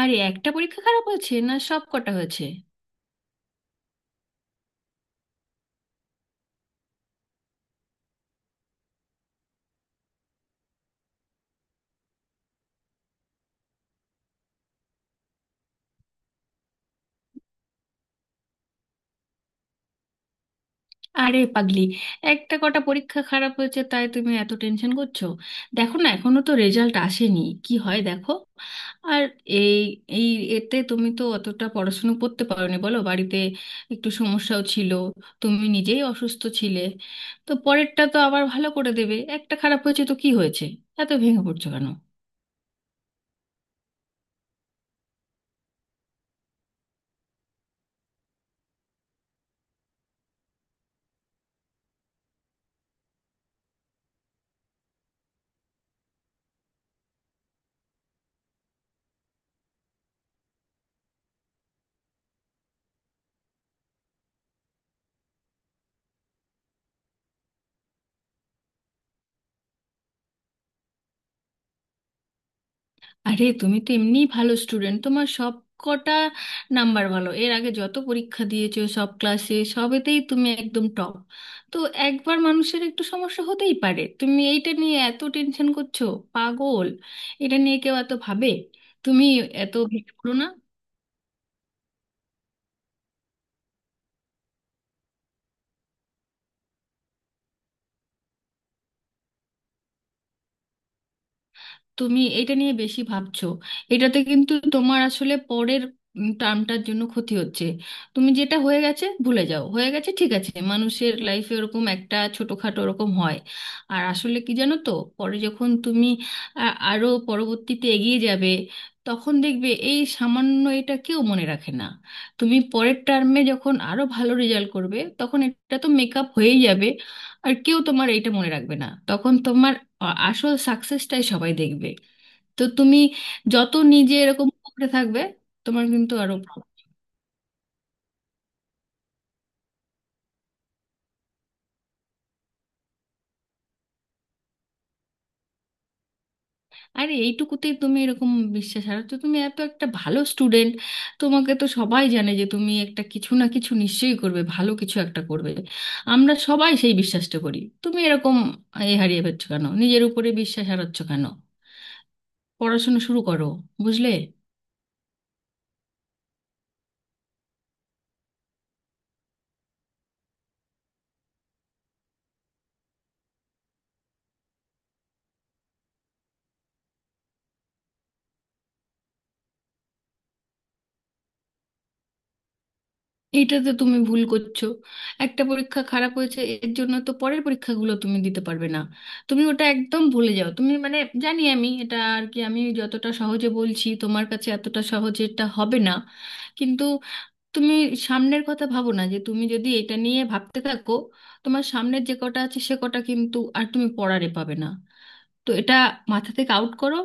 আরে, একটা পরীক্ষা খারাপ হয়েছে, না সব কটা হয়েছে? আরে পাগলি, একটা কটা পরীক্ষা খারাপ হয়েছে তাই তুমি এত টেনশন করছো? দেখো না, এখনো তো রেজাল্ট আসেনি। কি হয় দেখো। আর এই এই এতে তুমি তো অতটা পড়াশুনো করতে পারোনি বলো, বাড়িতে একটু সমস্যাও ছিল, তুমি নিজেই অসুস্থ ছিলে। তো পরেরটা তো আবার ভালো করে দেবে, একটা খারাপ হয়েছে তো কি হয়েছে? এত ভেঙে পড়ছো কেন? আরে তুমি তো এমনিই ভালো স্টুডেন্ট, তোমার সব কটা নাম্বার ভালো, এর আগে যত পরীক্ষা দিয়েছো সব ক্লাসে সবেতেই তুমি একদম টপ। তো একবার মানুষের একটু সমস্যা হতেই পারে, তুমি এইটা নিয়ে এত টেনশন করছো? পাগল, এটা নিয়ে কেউ এত ভাবে? তুমি এত ভেবো না। তুমি এটা নিয়ে বেশি ভাবছো, এটাতে কিন্তু তোমার আসলে পরের টার্মটার জন্য ক্ষতি হচ্ছে। তুমি যেটা হয়ে গেছে ভুলে যাও, হয়ে গেছে ঠিক আছে, মানুষের লাইফে ওরকম একটা ছোটখাটো ওরকম হয়। আর আসলে কি জানো তো, পরে যখন তুমি আরো পরবর্তীতে এগিয়ে যাবে, তখন দেখবে এই সামান্য এটা কেউ মনে রাখে না। তুমি পরের টার্মে যখন আরো ভালো রেজাল্ট করবে, তখন এটা তো মেকআপ হয়েই যাবে, আর কেউ তোমার এটা মনে রাখবে না, তখন তোমার আসল সাকসেসটাই সবাই দেখবে। তো তুমি যত নিজে এরকম উপরে থাকবে, তোমার কিন্তু আরো ভালো। আর এইটুকুতেই তুমি এরকম বিশ্বাস, আর তো তুমি এত একটা ভালো স্টুডেন্ট, তোমাকে তো সবাই জানে যে তুমি একটা কিছু না কিছু নিশ্চয়ই করবে, ভালো কিছু একটা করবে। আমরা সবাই সেই বিশ্বাসটা করি। তুমি এরকম এ হারিয়ে ফেলছো কেন, নিজের উপরে বিশ্বাস হারাচ্ছ কেন? পড়াশোনা শুরু করো, বুঝলে? এইটাতে তুমি ভুল করছো। একটা পরীক্ষা খারাপ হয়েছে এর জন্য তো পরের পরীক্ষাগুলো তুমি দিতে পারবে না। তুমি ওটা একদম ভুলে যাও, তুমি মানে জানি, আমি এটা আর কি আমি যতটা সহজে বলছি তোমার কাছে এতটা সহজে এটা হবে না, কিন্তু তুমি সামনের কথা ভাবো না, যে তুমি যদি এটা নিয়ে ভাবতে থাকো তোমার সামনের যে কটা আছে সে কটা কিন্তু আর তুমি পড়ারে পাবে না। তো এটা মাথা থেকে আউট করো।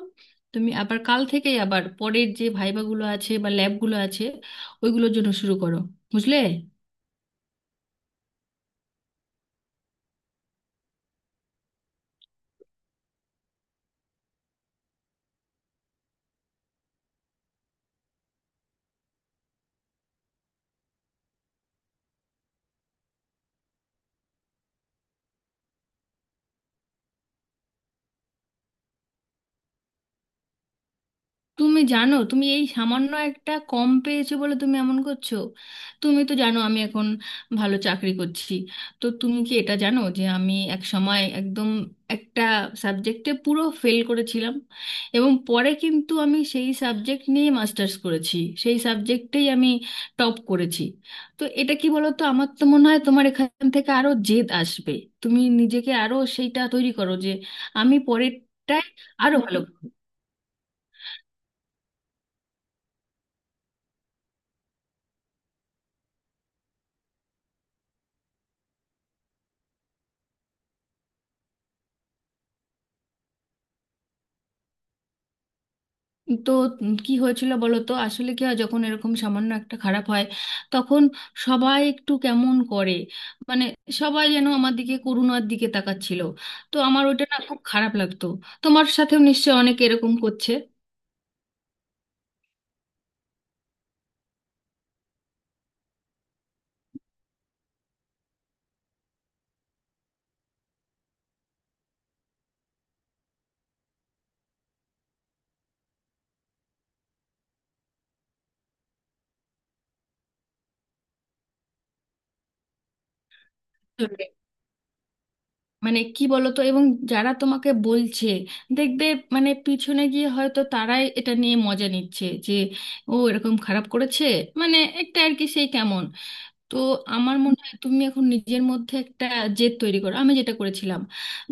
তুমি আবার কাল থেকেই আবার পরের যে ভাইভাগুলো আছে বা ল্যাবগুলো আছে ওইগুলোর জন্য শুরু করো, বুঝলে? তুমি জানো, তুমি এই সামান্য একটা কম পেয়েছো বলে তুমি এমন করছো। তুমি তো জানো আমি এখন ভালো চাকরি করছি, তো তুমি কি এটা জানো যে আমি এক সময় একদম একটা সাবজেক্টে পুরো ফেল করেছিলাম, এবং পরে কিন্তু আমি সেই সাবজেক্ট নিয়ে মাস্টার্স করেছি, সেই সাবজেক্টেই আমি টপ করেছি। তো এটা কি বলো তো, আমার তো মনে হয় তোমার এখান থেকে আরো জেদ আসবে। তুমি নিজেকে আরো সেইটা তৈরি করো যে আমি পরেরটায় আরো ভালো করবো। তো কি হয়েছিল বলো তো, আসলে কি হয় যখন এরকম সামান্য একটা খারাপ হয়, তখন সবাই একটু কেমন করে, মানে সবাই যেন আমার দিকে করুণার দিকে তাকাচ্ছিল। তো আমার ওটা না খুব খারাপ লাগতো। তোমার সাথেও নিশ্চয় অনেকে এরকম করছে। আসলে, মানে কি বলো তো, এবং যারা তোমাকে বলছে দেখবে মানে পিছনে গিয়ে হয়তো তারাই এটা নিয়ে মজা নিচ্ছে যে ও এরকম খারাপ করেছে, মানে একটা আর কি সেই কেমন। তো আমার মনে হয় তুমি এখন নিজের মধ্যে একটা জেদ তৈরি করো, আমি যেটা করেছিলাম।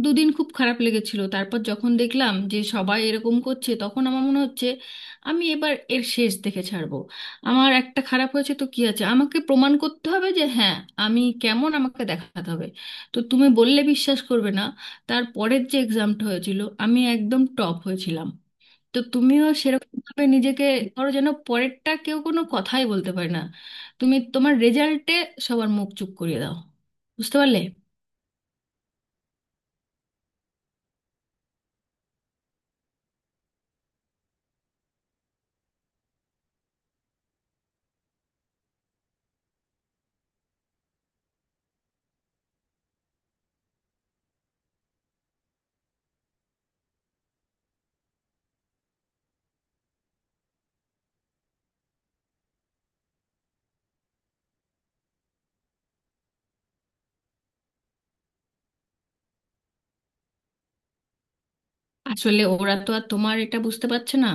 দুদিন খুব খারাপ লেগেছিল, তারপর যখন দেখলাম যে সবাই এরকম করছে, তখন আমার মনে হচ্ছে আমি এবার এর শেষ দেখে ছাড়বো। আমার একটা খারাপ হয়েছে তো কি আছে, আমাকে প্রমাণ করতে হবে যে হ্যাঁ আমি কেমন আমাকে দেখাতে হবে। তো তুমি বললে বিশ্বাস করবে না, তার পরের যে এক্সামটা হয়েছিল আমি একদম টপ হয়েছিলাম। তো তুমিও সেরকম ভাবে নিজেকে ধরো যেন পরেরটা কেউ কোনো কথাই বলতে পারে না। তুমি তোমার রেজাল্টে সবার মুখ চুপ করিয়ে দাও, বুঝতে পারলে? আসলে ওরা তো আর তোমার এটা বুঝতে পারছে না।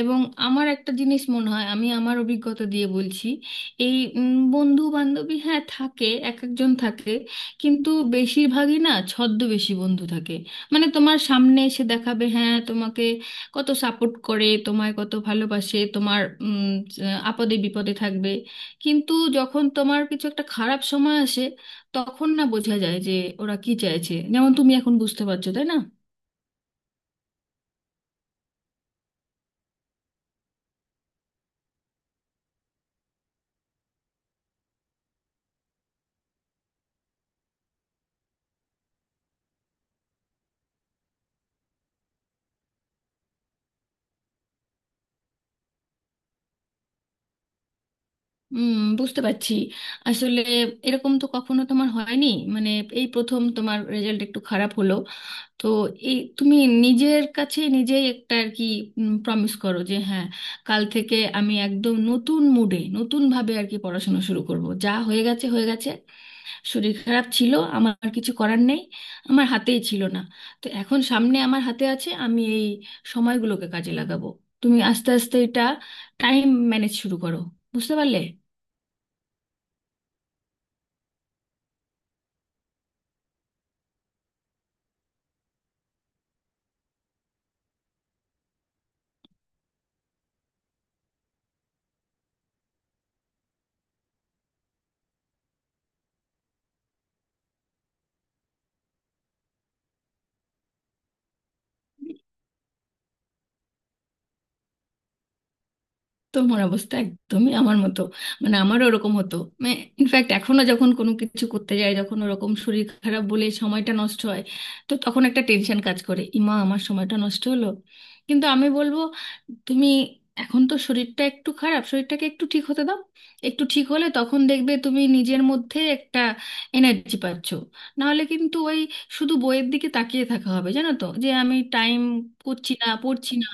এবং আমার একটা জিনিস মনে হয়, আমি আমার অভিজ্ঞতা দিয়ে বলছি, এই বন্ধু বান্ধবী হ্যাঁ থাকে, এক একজন থাকে, কিন্তু বেশিরভাগই না ছদ্মবেশী বন্ধু থাকে। মানে তোমার সামনে এসে দেখাবে হ্যাঁ তোমাকে কত সাপোর্ট করে তোমায় কত ভালোবাসে, তোমার আপদে বিপদে থাকবে। কিন্তু যখন তোমার কিছু একটা খারাপ সময় আসে, তখন না বোঝা যায় যে ওরা কি চাইছে, যেমন তুমি এখন বুঝতে পারছো, তাই না? হুম, বুঝতে পারছি। আসলে এরকম তো কখনো তোমার হয়নি, মানে এই প্রথম তোমার রেজাল্ট একটু খারাপ হলো। তো এই তুমি নিজের কাছে নিজেই একটা আর কি প্রমিস করো যে হ্যাঁ কাল থেকে আমি একদম নতুন মুডে নতুন ভাবে আর কি পড়াশোনা শুরু করব, যা হয়ে গেছে হয়ে গেছে, শরীর খারাপ ছিল, আমার আর কিছু করার নেই, আমার হাতেই ছিল না। তো এখন সামনে আমার হাতে আছে, আমি এই সময়গুলোকে কাজে লাগাবো। তুমি আস্তে আস্তে এটা টাইম ম্যানেজ শুরু করো, বুঝতে পারলে? তোমার অবস্থা একদমই আমার মতো, মানে আমারও ওরকম হতো, মানে ইনফ্যাক্ট এখনো যখন কোনো কিছু করতে যায় যখন ওরকম শরীর খারাপ বলে সময়টা নষ্ট হয়, তো তখন একটা টেনশন কাজ করে ইমা আমার সময়টা নষ্ট হলো। কিন্তু আমি বলবো তুমি এখন তো শরীরটা একটু খারাপ, শরীরটাকে একটু ঠিক হতে দাও। একটু ঠিক হলে তখন দেখবে তুমি নিজের মধ্যে একটা এনার্জি পাচ্ছ, নাহলে কিন্তু ওই শুধু বইয়ের দিকে তাকিয়ে থাকা হবে, জানো তো যে আমি টাইম করছি না পড়ছি না।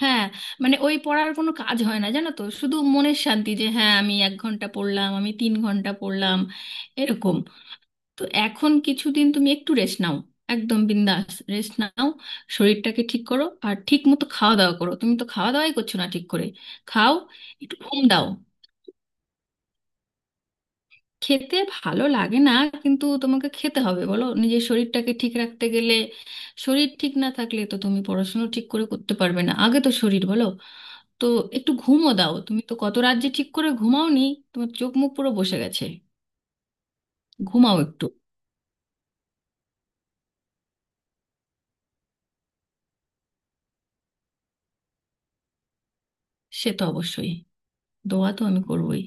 হ্যাঁ, মানে ওই পড়ার কোনো কাজ হয় না, জানো তো, শুধু মনের শান্তি যে হ্যাঁ আমি 1 ঘন্টা পড়লাম আমি 3 ঘন্টা পড়লাম এরকম। তো এখন কিছুদিন তুমি একটু রেস্ট নাও। একদম বিন্দাস রেস্ট নাও, শরীরটাকে ঠিক করো আর ঠিক মতো খাওয়া দাওয়া করো, তুমি তো খাওয়া দাওয়াই করছো না ঠিক করে। খাও, একটু ঘুম দাও। খেতে ভালো লাগে না? কিন্তু তোমাকে খেতে হবে বলো, নিজের শরীরটাকে ঠিক রাখতে গেলে শরীর ঠিক না থাকলে তো তুমি পড়াশোনা ঠিক করে করতে পারবে না, আগে তো শরীর বলো। তো একটু ঘুমও দাও, তুমি তো কত রাত যে ঠিক করে ঘুমাওনি, তোমার চোখ মুখ পুরো বসে গেছে। ঘুমাও একটু। সে তো অবশ্যই, দোয়া তো আমি করবোই।